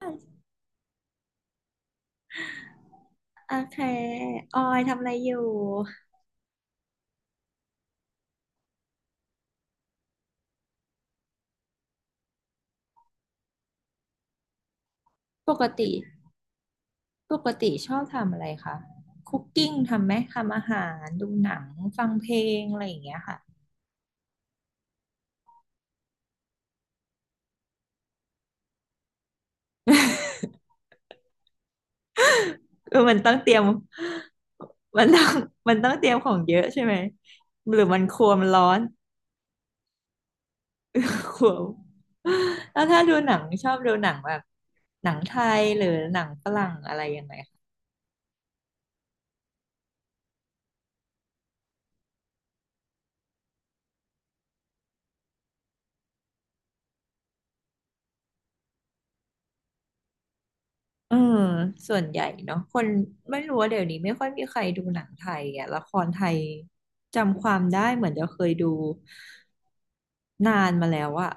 โอเคออยทำอะไรอยู่ ปกติปกติชอบทำอะไรคะคุกกิ้งทำไหม ทำอาหาร ดูหนัง ฟังเพลงอะไรอย่างเงี้ยค่ะเออมันต้องเตรียมมันต้องมันต้องเตรียมของเยอะใช่ไหมหรือมันครัวมันร้อน ครัวแล้วถ้าดูหนังชอบดูหนังแบบหนังไทยหรือหนังฝรั่งอะไรยังไง เออส่วนใหญ่เนาะคนไม่รู้ว่าเดี๋ยวนี้ไม่ค่อยมีใครดูหนังไทยอ่ะละครไทยจำความได้เหมือนจะเคยดูนานมาแล้วอะ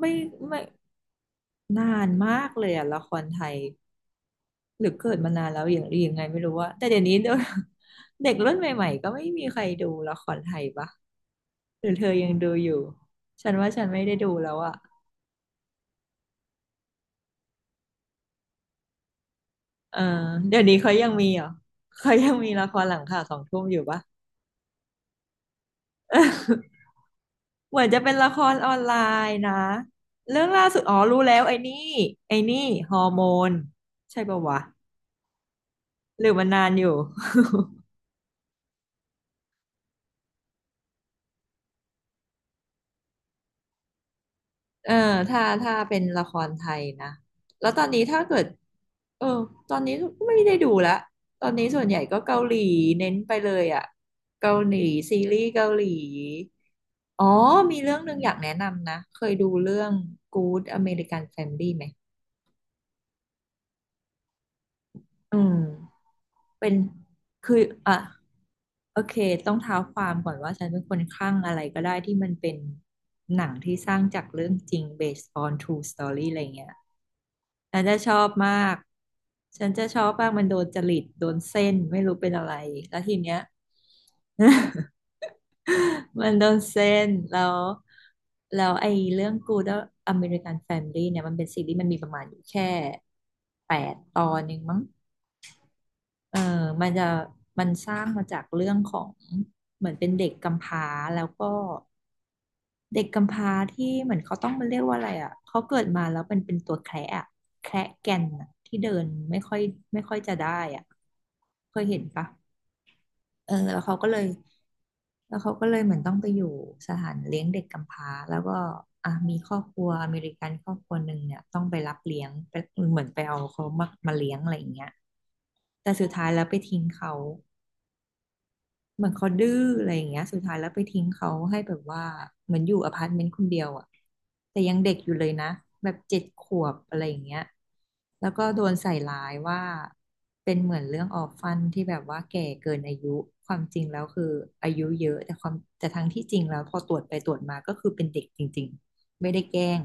ไม่ไม่นานมากเลยอะละครไทยหรือเกิดมานานแล้วอย่างหรือยังไงไม่รู้ว่าแต่เดี๋ยวนี้เด็ก เด็กรุ่นใหม่ๆก็ไม่มีใครดูละครไทยปะหรือเธอยังดูอยู่ฉันว่าฉันไม่ได้ดูแล้วอะเออเดี๋ยวนี้เขายังมีเหรอเขายังมีละครหลังข่าวสองทุ่มอยู่ปะ เหมือนจะเป็นละครออนไลน์นะเรื่องล่าสุดอ๋อรู้แล้วไอ้นี่ไอ้นี่ฮอร์โมนใช่ปะวะหรือมันนานอยู่ เออถ้าถ้าเป็นละครไทยนะแล้วตอนนี้ถ้าเกิดเออตอนนี้ก็ไม่ได้ดูละตอนนี้ส่วนใหญ่ก็เกาหลีเน้นไปเลยอะเกาหลีซีรีส์เกาหลีอ๋อมีเรื่องหนึ่งอยากแนะนำนะเคยดูเรื่อง Good American Family ไหม อืมเป็นคืออ่ะโอเคต้องเท้าความก่อนว่าฉันเป็นคนคลั่งอะไรก็ได้ที่มันเป็นหนังที่สร้างจากเรื่องจริง based on true story อะไรเงี้ยฉันจะชอบมากฉันจะชอบมากมันโดนจริตโดนเส้นไม่รู้เป็นอะไรแล้วทีเนี้ย มันโดนเส้นแล้วแล้วไอ้เรื่อง Good American Family เนี่ยมันเป็นซีรีส์มันมีประมาณอยู่แค่8 ตอนเองมั้ง เออมันจะมันสร้างมาจากเรื่องของเหมือนเป็นเด็กกำพร้าแล้วก็เด็กกำพร้าที่เหมือนเขาต้องมันเรียกว่าอะไรอ่ะเขาเกิดมาแล้วเป็นตัวแคระอะแคระแก่นอะที่เดินไม่ค่อยจะได้อ่ะเคยเห็นปะเออแล้วเขาก็เลยแล้วเขาก็เลยเหมือนต้องไปอยู่สถานเลี้ยงเด็กกำพร้าแล้วก็อ่ะมีครอบครัวอเมริกันครอบครัวหนึ่งเนี่ยต้องไปรับเลี้ยงไปเหมือนไปเอาเขามามาเลี้ยงอะไรอย่างเงี้ยแต่สุดท้ายแล้วไปทิ้งเขา เหมือนเขาดื้ออะไรอย่างเงี้ยสุดท้ายแล้วไปทิ้งเขาให้แบบว่าเหมือนอยู่อพาร์ตเมนต์คนเดียวอ่ะแต่ยังเด็กอยู่เลยนะแบบ7 ขวบอะไรอย่างเงี้ยแล้วก็โดนใส่ร้ายว่าเป็นเหมือนเรื่องออฟฟันที่แบบว่าแก่เกินอายุความจริงแล้วคืออายุเยอะแต่ความแต่ทั้งที่จริงแล้วพอตรวจไปตรวจมาก็คือเป็นเด็กจริงๆไม่ได้แกล้ง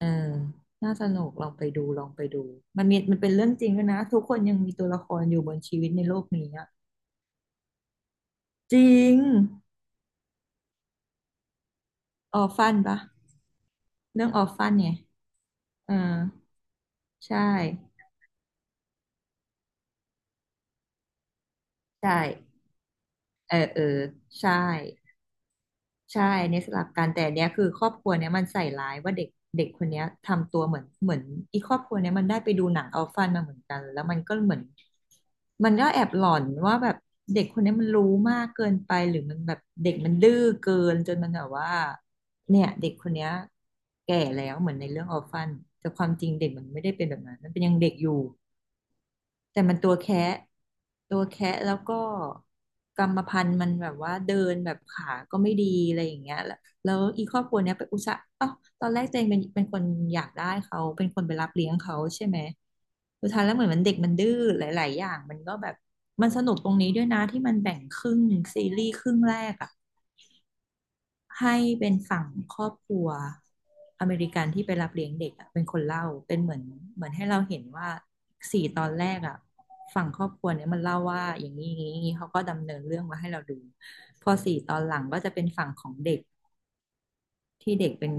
เออน่าสนุกลองไปดูลองไปดูมันมีมันเป็นเรื่องจริงด้วยนะทุกคนยังมีตัวละครอยู่บนชีวิตในโลกนี้อะจริง ออฟฟันปะเรื่องออฟฟันเนี่ยเออใช่ใช่เออเออใช่ใช่เนี่ยสลับกันแต่อันเนี้ยคือครอบครัวเนี้ยมันใส่ร้ายว่าเด็กเด็กคนเนี้ยทำตัวเหมือนอีครอบครัวเนี้ยมันได้ไปดูหนังอัลฟันมาเหมือนกันแล้วมันก็เหมือนมันก็แอบหลอนว่าแบบเด็กคนเนี้ยมันรู้มากเกินไปหรือมันแบบเด็กมันดื้อเกินจนมันแบบว่าเนี่ยเด็กคนเนี้ยแก่แล้วเหมือนในเรื่องอัลฟันแต่ความจริงเด็กมันไม่ได้เป็นแบบนั้นมันเป็นยังเด็กอยู่ แต่มันตัวแคะแล้วก็กรรมพันธุ์มันแบบว่าเดินแบบขาก็ไม่ดีอะไรอย่างเงี้ยแล้วแล้วอีครอบครัวเนี้ยไปอุตส่าห์เอ้าตอนแรกตัวเองเป็นคนอยากได้เขาเป็นคนไปรับเลี้ยงเขาใช่ไหมสุดท้ายแล้วเหมือนมันเด็กมันดื้อหลายๆอย่างมันก็แบบมันสนุกตรงนี้ด้วยนะที่มันแบ่งครึ่งซีรีส์ครึ่งแรกอะ ให้เป็นฝั่งครอบครัวอเมริกันที่ไปรับเลี้ยงเด็กเป็นคนเล่าเป็นเหมือนให้เราเห็นว่าสี่ตอนแรกอ่ะฝั่งครอบครัวเนี้ยมันเล่าว่าอย่างนี้อย่างนี้อย่างนี้เขาก็ดำเนินเรื่องมาให้เราดูพอสี่ตอนหลังก็จะเป็นฝั่งของเด็กที่เด็กเป็น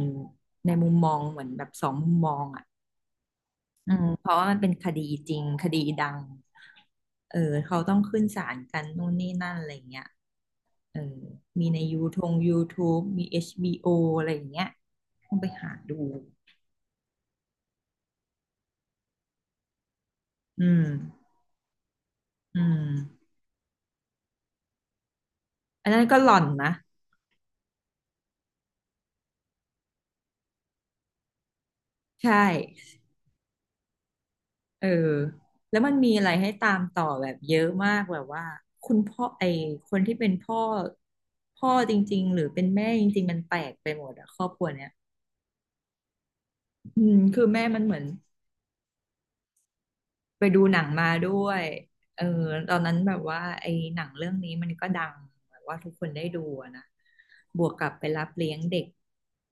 ในมุมมองเหมือนแบบ2มุมมองอ่ะเพราะว่ามันเป็นคดีจริงคดีดังเออเขาต้องขึ้นศาลกันนู่นนี่นั่นอะไรเงี้ยเออมีในยูทง YouTube มีHBOอะไรอย่างเงี้ย ต้องไปหาดูอืมอืมอันนั้นก็หล่อนนะ ใช่เออแล้วมันมีอะไรให้ตามต่อแบบเยอะมากแบบว่าคุณพ่อไอคนที่เป็นพ่อจริงๆหรือเป็นแม่จริงๆมันแปลกไปหมดอะครอบครัวเนี้ยอืมคือแม่มันเหมือน ไปดูหนังมาด้วยเออตอนนั้นแบบว่าไอ้หนังเรื่องนี้มันก็ดังแบบว่าทุกคนได้ดูอะนะ บวกกับไปรับเลี้ยงเด็ก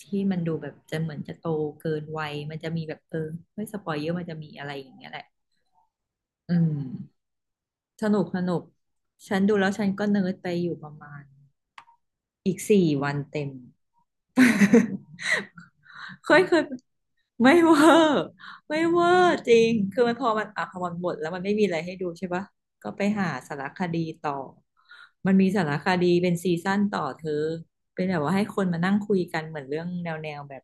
ที่มันดูแบบจะเหมือนจะโตเกินวัยมันจะมีแบบเออไม่สปอยเยอะมันจะมีอะไรอย่างเงี้ยแหละอืมสนุกสนุกฉันดูแล้วฉันก็เนิร์ดไปอยู่ประมาณอีกสี่วันเต็ม เคย เคยไม่เวอร์ไม่เวอร์จริงคือมันพอมันอ่ะพอมันหมดแล้วมันไม่มีอะไรให้ดูใช่ปะก็ไปหาสารคดีต่อมันมีสารคดีเป็นซีซั่นต่อเธอเป็นแบบว่าให้คนมานั่งคุยกันเหมือนเรื่องแนวแบบ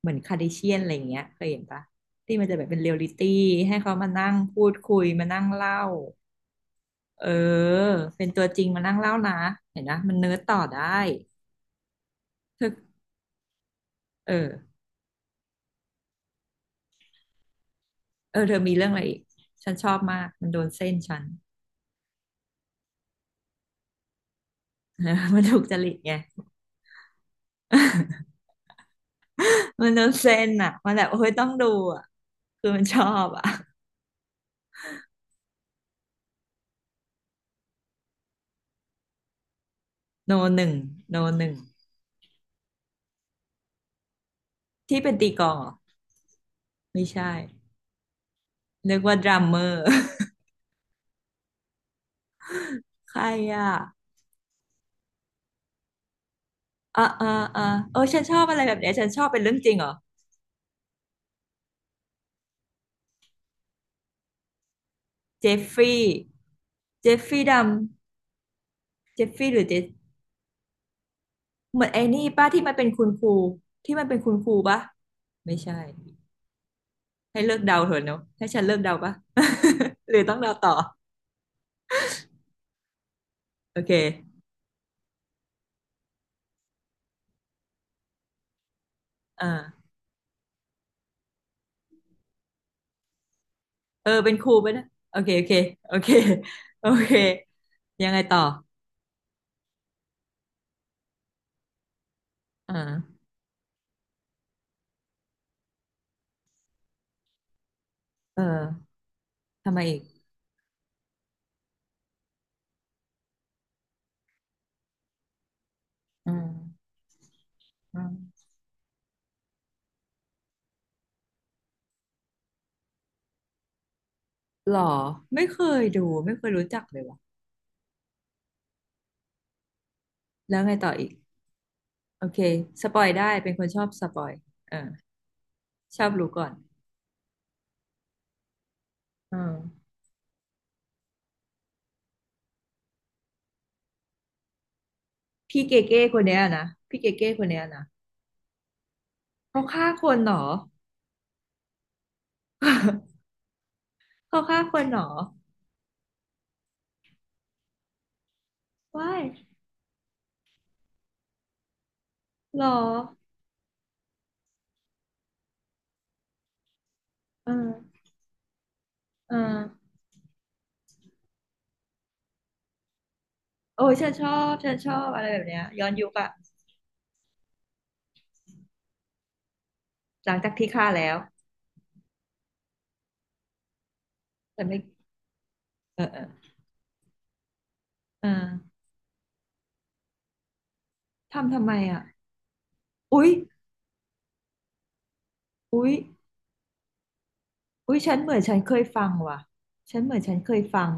เหมือนคาร์ดิเชียนอะไรอย่างเงี้ยเคยเห็นปะที่มันจะแบบเป็นเรียลลิตี้ให้เขามานั่งพูดคุยมานั่งเล่าเออเป็นตัวจริงมานั่งเล่านะเห็นนะมันเนิร์ดต่อได้เธอเออเออเธอมีเรื่องอะไรอีกฉันชอบมากมันโดนเส้นฉัน เออมันถูกจริตไง มันโดนเซนอ่ะมันแบบโอ้ยต้องดูอ่ะคือมันชอบอ่ะโนหนึ่งโนหนึ่งที่เป็นตีกลองเหรอไม่ใช่นึกว่าดรัมเมอร์ ใครอ่ะอ่ะอ่ะอ่ะเออฉันชอบอะไรแบบเนี้ยฉันชอบเป็นเรื่องจริงเหรอเจฟฟี่เจฟฟี่ดัมเจฟฟี่หรือเจฟเหมือนไอ้นี่ป้าที่มันเป็นคุณครูปะไม่ใช่ ให้เลิกเดาเถอะเนาะให้ฉันเลิกเดาปะ หรือต้องเดาต่อโอเคอ่า เออเป็นครูไปนะโอเคโอเคโอเคยังไงต่ออ่าเออทำไมอีกอืมอืมหรอไม่เคยดูไม่เคยรู้จักเลยว่ะแล้วไงต่ออีกโอเคสปอยได้เป็นคนชอบสปอยเออชอบรู้ก่อนเอืมพี่เกเก้คนเนี้ยนะพี่เกเก้คนเนี้ยนะเขาฆ่าคนเหรอ เขาฆ่าคนเหรอว้ายเหรอเออเออโอ้ยฉันชอบฉันชอบอะไรแบบเนี้ยย้อนยุคอะหลังจากที่ฆ่าแล้ว แต่ไม่เออเออเออทำไมอ่ะอุ๊ยอุ๊ยอุ๊ยฉันเหมือนฉันเคยฟัง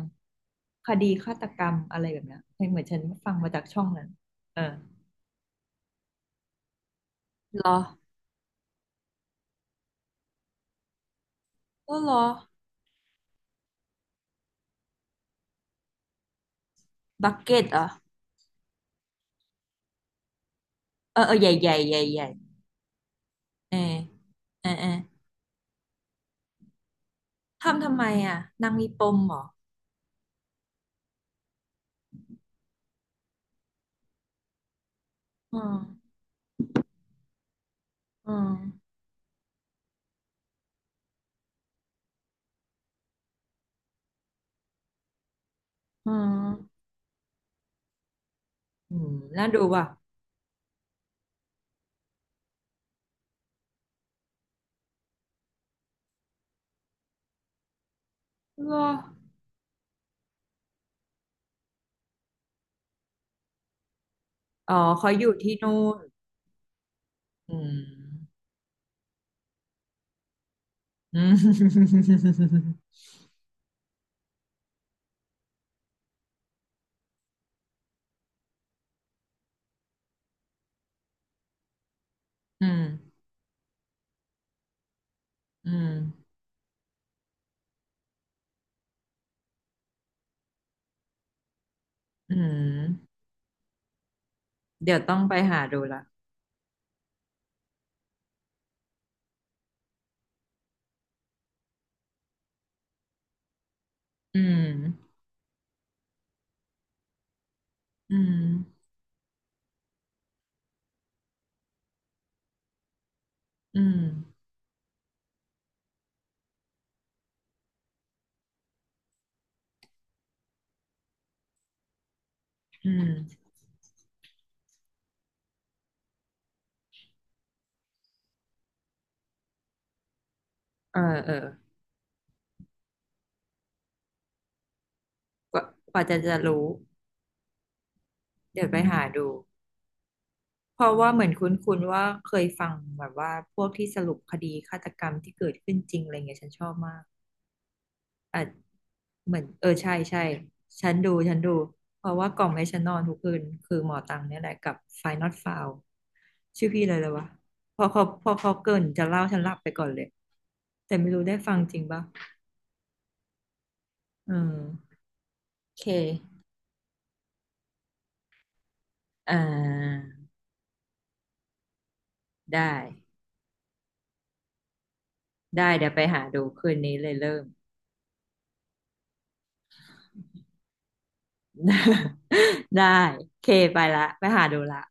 คดีฆาตกรรมอะไรแบบเนี้ยเหมือนฉันฟังมาจากช่องนั้นเออเหรอก็เหรอบักเก็ตเหรอเออเออใหญ่ใหญ่ใหญ่ใหญ่เออเออเออทำไมอ่ะนางมีปมเหรออืมอืมอืมอืมน่าดูว่ะเหรออ๋อเขาอยู่ที่นู่นอืมอืม อืมอืมอืมเดี๋ยวต้องไปหาดูละอืมอืมอืมอืมเออเออกว่ากว่าจะจะรู้เดี๋ยวไปหาดู เพราะว่าเหมือนคุ้นๆว่าเคยฟังแบบว่าพวกที่สรุปคดีฆาตกรรมที่เกิดขึ้นจริงอะไรเงี้ยฉันชอบมาก อ่ะเหมือนเออใช่ใช่ฉันดูเพราะว่ากล่องให้ฉันนอนทุกคืนคือหมอตังเนี่ยแหละกับ Final File ชื่อพี่เลยเลยวะพอเขาเกริ่นจะเล่าฉันหลับไปก่อนเลยแต่ไม่รู้ได้ฟังจริงปะอืมโอเคอ่าได้ได้เดี๋ยวไปหาดูคืนนี้เลยเริ่ม ได้โอเคไปละไปหาดูละ